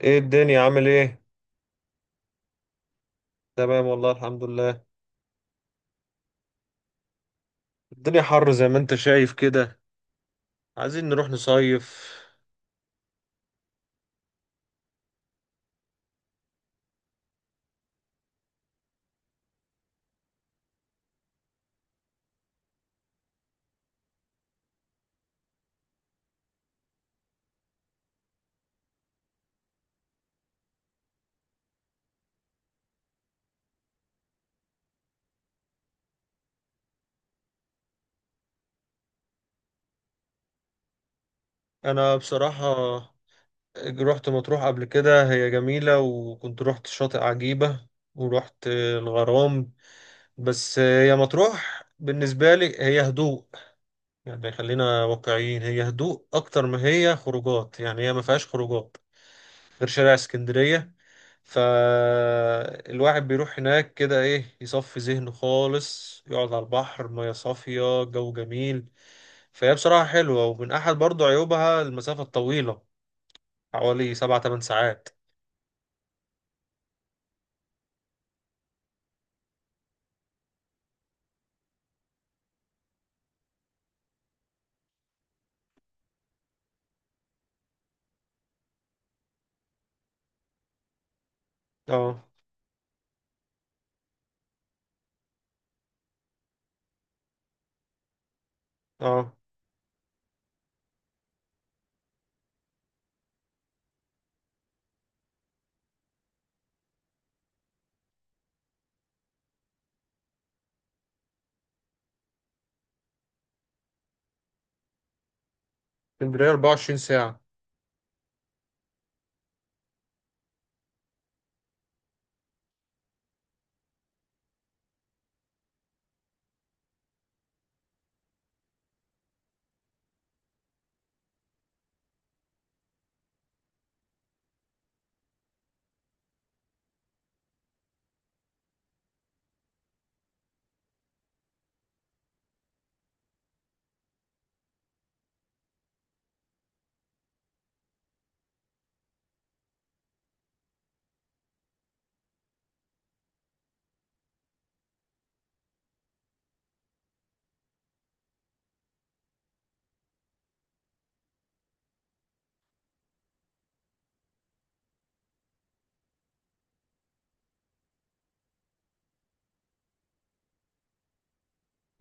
ايه الدنيا عامل ايه؟ تمام والله الحمد لله. الدنيا حر زي ما انت شايف كده. عايزين نروح نصيف. انا بصراحة رحت مطروح قبل كده، هي جميلة، وكنت رحت شاطئ عجيبة، ورحت الغرام. بس هي مطروح بالنسبة لي هي هدوء. يعني خلينا واقعيين، هي هدوء اكتر ما هي خروجات. يعني هي ما فيهاش خروجات غير شارع اسكندرية. فالواحد بيروح هناك كده ايه، يصفي ذهنه خالص، يقعد على البحر، مياه صافية، جو جميل. فهي بصراحة حلوة، ومن أحد برضو عيوبها المسافة الطويلة، حوالي 7 8 ساعات. اه. اه. اسكندرية 24 ساعة.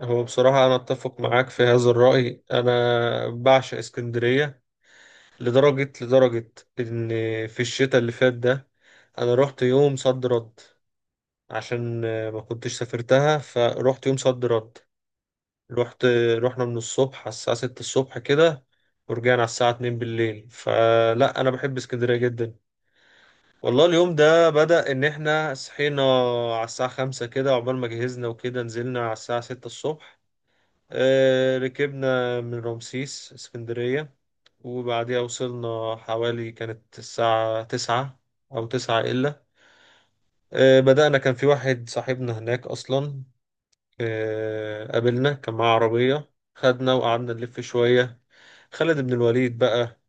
هو بصراحة أنا أتفق معاك في هذا الرأي، أنا بعشق اسكندرية لدرجة إن في الشتاء اللي فات ده أنا رحت يوم صد رد عشان ما كنتش سافرتها، فروحت يوم صد رد. رحت رحنا من الصبح على الساعة 6 الصبح كده، ورجعنا على الساعة 2 بالليل. فلا أنا بحب اسكندرية جدا. والله اليوم ده بدأ إن إحنا صحينا على الساعة 5 كده، عقبال ما جهزنا وكده نزلنا على الساعة 6 الصبح. ركبنا من رمسيس اسكندرية، وبعديها وصلنا حوالي كانت الساعة 9 أو 9 إلا. بدأنا، كان في واحد صاحبنا هناك أصلا. قابلنا، كان معاه عربية، خدنا وقعدنا نلف شوية. خالد بن الوليد بقى،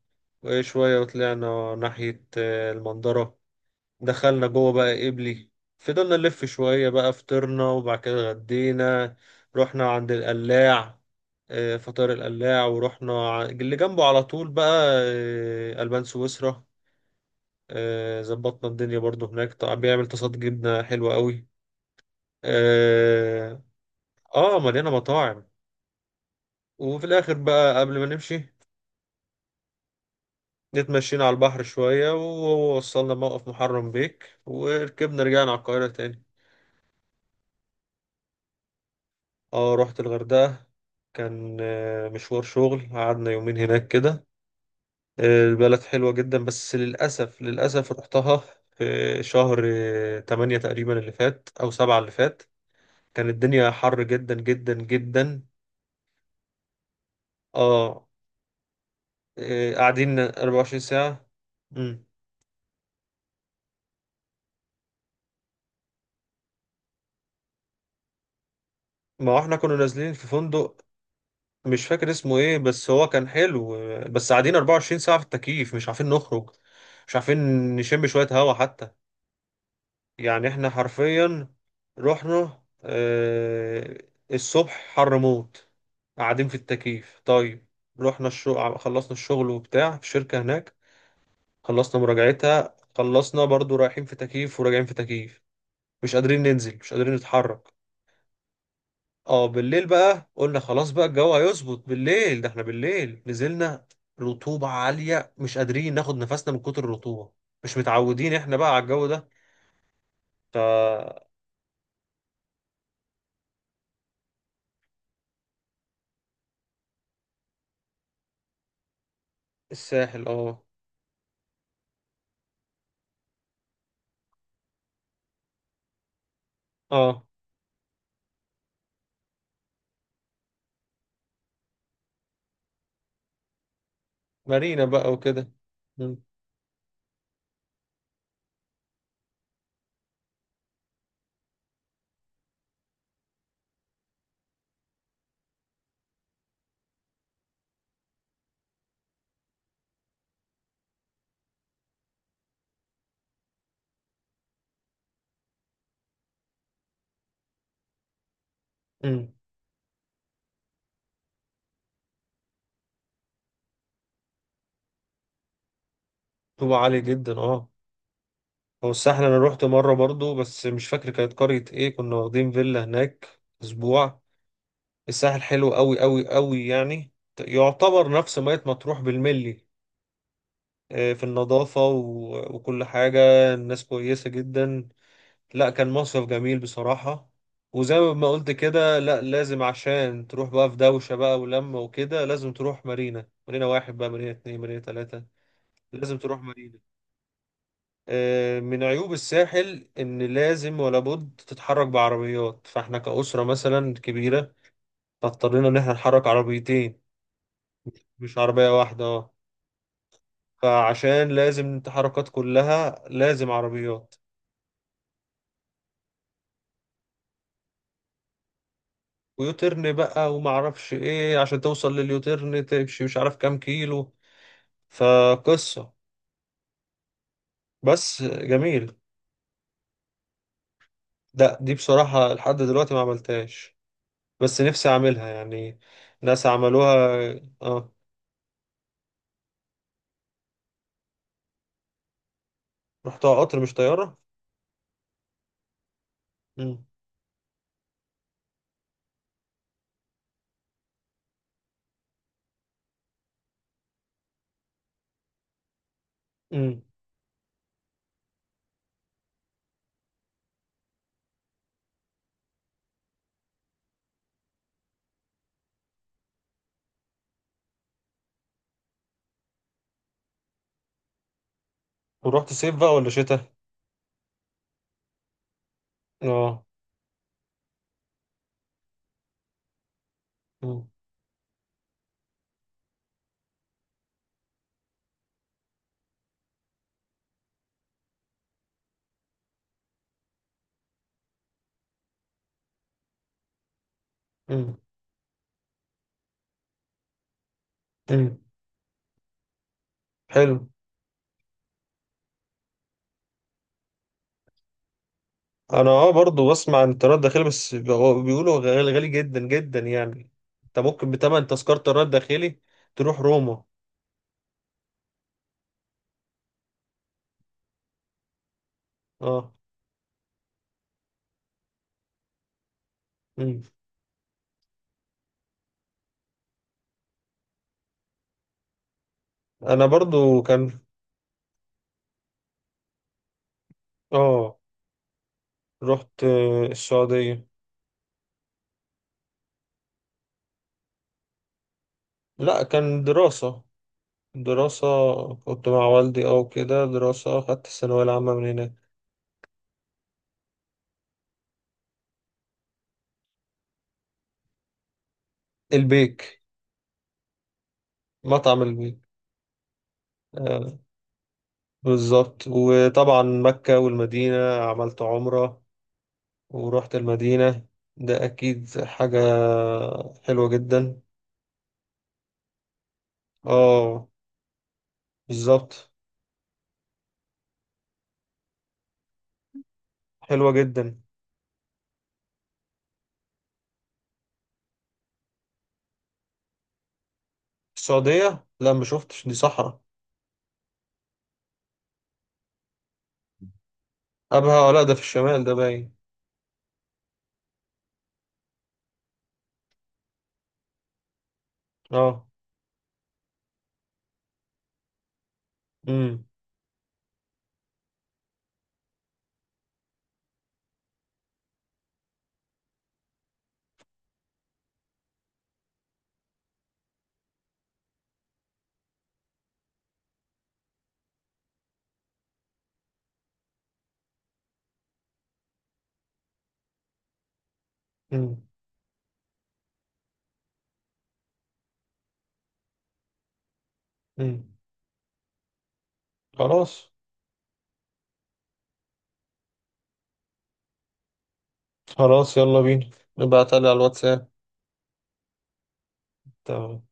وشوية وطلعنا ناحية المنظرة. دخلنا جوه بقى قبلي. فضلنا نلف شوية بقى، فطرنا وبعد كده غدينا. رحنا عند القلاع. فطار القلاع، ورحنا اللي جنبه على طول بقى ألبان سويسرا. ظبطنا الدنيا برضو هناك. طبعا بيعمل تصاد، جبنة حلوة قوي. اه. مليانة مطاعم. وفي الآخر بقى قبل ما نمشي اتمشينا على البحر شوية، ووصلنا موقف محرم بيك، وركبنا رجعنا على القاهرة تاني. اه رحت الغردقة، كان مشوار شغل، قعدنا يومين هناك كده. البلد حلوة جدا، بس للأسف رحتها في شهر تمانية تقريبا اللي فات أو 7 اللي فات. كان الدنيا حر جدا جدا جدا. اه. قاعدين 24 ساعة. مم. ما هو احنا كنا نازلين في فندق، مش فاكر اسمه ايه بس هو كان حلو. بس قاعدين 24 ساعة في التكييف، مش عارفين نخرج، مش عارفين نشم شوية هوا حتى. يعني احنا حرفيا رحنا الصبح حر موت، قاعدين في التكييف. طيب رحنا الشغل، خلصنا الشغل وبتاع في الشركة هناك، خلصنا مراجعتها، خلصنا برضو رايحين في تكييف وراجعين في تكييف، مش قادرين ننزل، مش قادرين نتحرك. اه بالليل بقى قلنا خلاص بقى الجو هيظبط بالليل، ده احنا بالليل نزلنا رطوبة عالية، مش قادرين ناخد نفسنا من كتر الرطوبة. مش متعودين احنا بقى على الجو ده. فالساحل. اه. اه. مارينا بقى وكده. مم. مم. رطوبة عالية جدا اه. هو الساحل انا روحت مرة برضو، بس مش فاكر كانت قرية ايه، كنا واخدين فيلا هناك اسبوع. الساحل حلو قوي قوي قوي يعني. يعتبر نفس مية مطروح بالملي، في النظافة وكل حاجة. الناس كويسة جدا. لا كان مصيف جميل بصراحة. وزي ما قلت كده لا لازم عشان تروح بقى في دوشة بقى ولمة وكده، لازم تروح مارينا، مارينا 1 بقى، مارينا 2، مارينا 3. لازم تروح مارينا. من عيوب الساحل إن لازم ولا بد تتحرك بعربيات، فاحنا كأسرة مثلا كبيرة، فاضطرينا إن احنا نحرك عربيتين، مش عربية واحدة اه. فعشان لازم التحركات كلها لازم عربيات. ويوترن بقى وما اعرفش ايه، عشان توصل لليوترن تمشي مش عارف كام كيلو. فقصة. بس جميل. ده دي بصراحة لحد دلوقتي ما عملتهاش، بس نفسي اعملها يعني. ناس عملوها. اه رحتها قطر مش طيارة. امم. امم. ورحت صيف بقى ولا شتاء؟ اه. امم. امم. امم. حلو. انا اه برضو بسمع عن الطيران الداخلي، بس بيقولوا غالي غالي جدا جدا يعني. انت ممكن بتمن تذكرة طيران داخلي تروح روما. اه. مم. انا برضو كان. اه رحت السعودية. لا كان دراسة. دراسة. كنت مع والدي او كده، دراسة، خدت الثانوية العامة من هناك. البيك. مطعم البيك. آه بالظبط. وطبعا مكة والمدينة، عملت عمرة، ورحت المدينة. ده اكيد حاجة حلوة جدا. اه بالظبط. حلوة جدا. السعودية لا ما شفتش، دي صحراء. ابها لا ده في الشمال ده باين. اه. مم. مم. مم. خلاص. خلاص يلا بينا. ابعتها لي على الواتساب. تمام.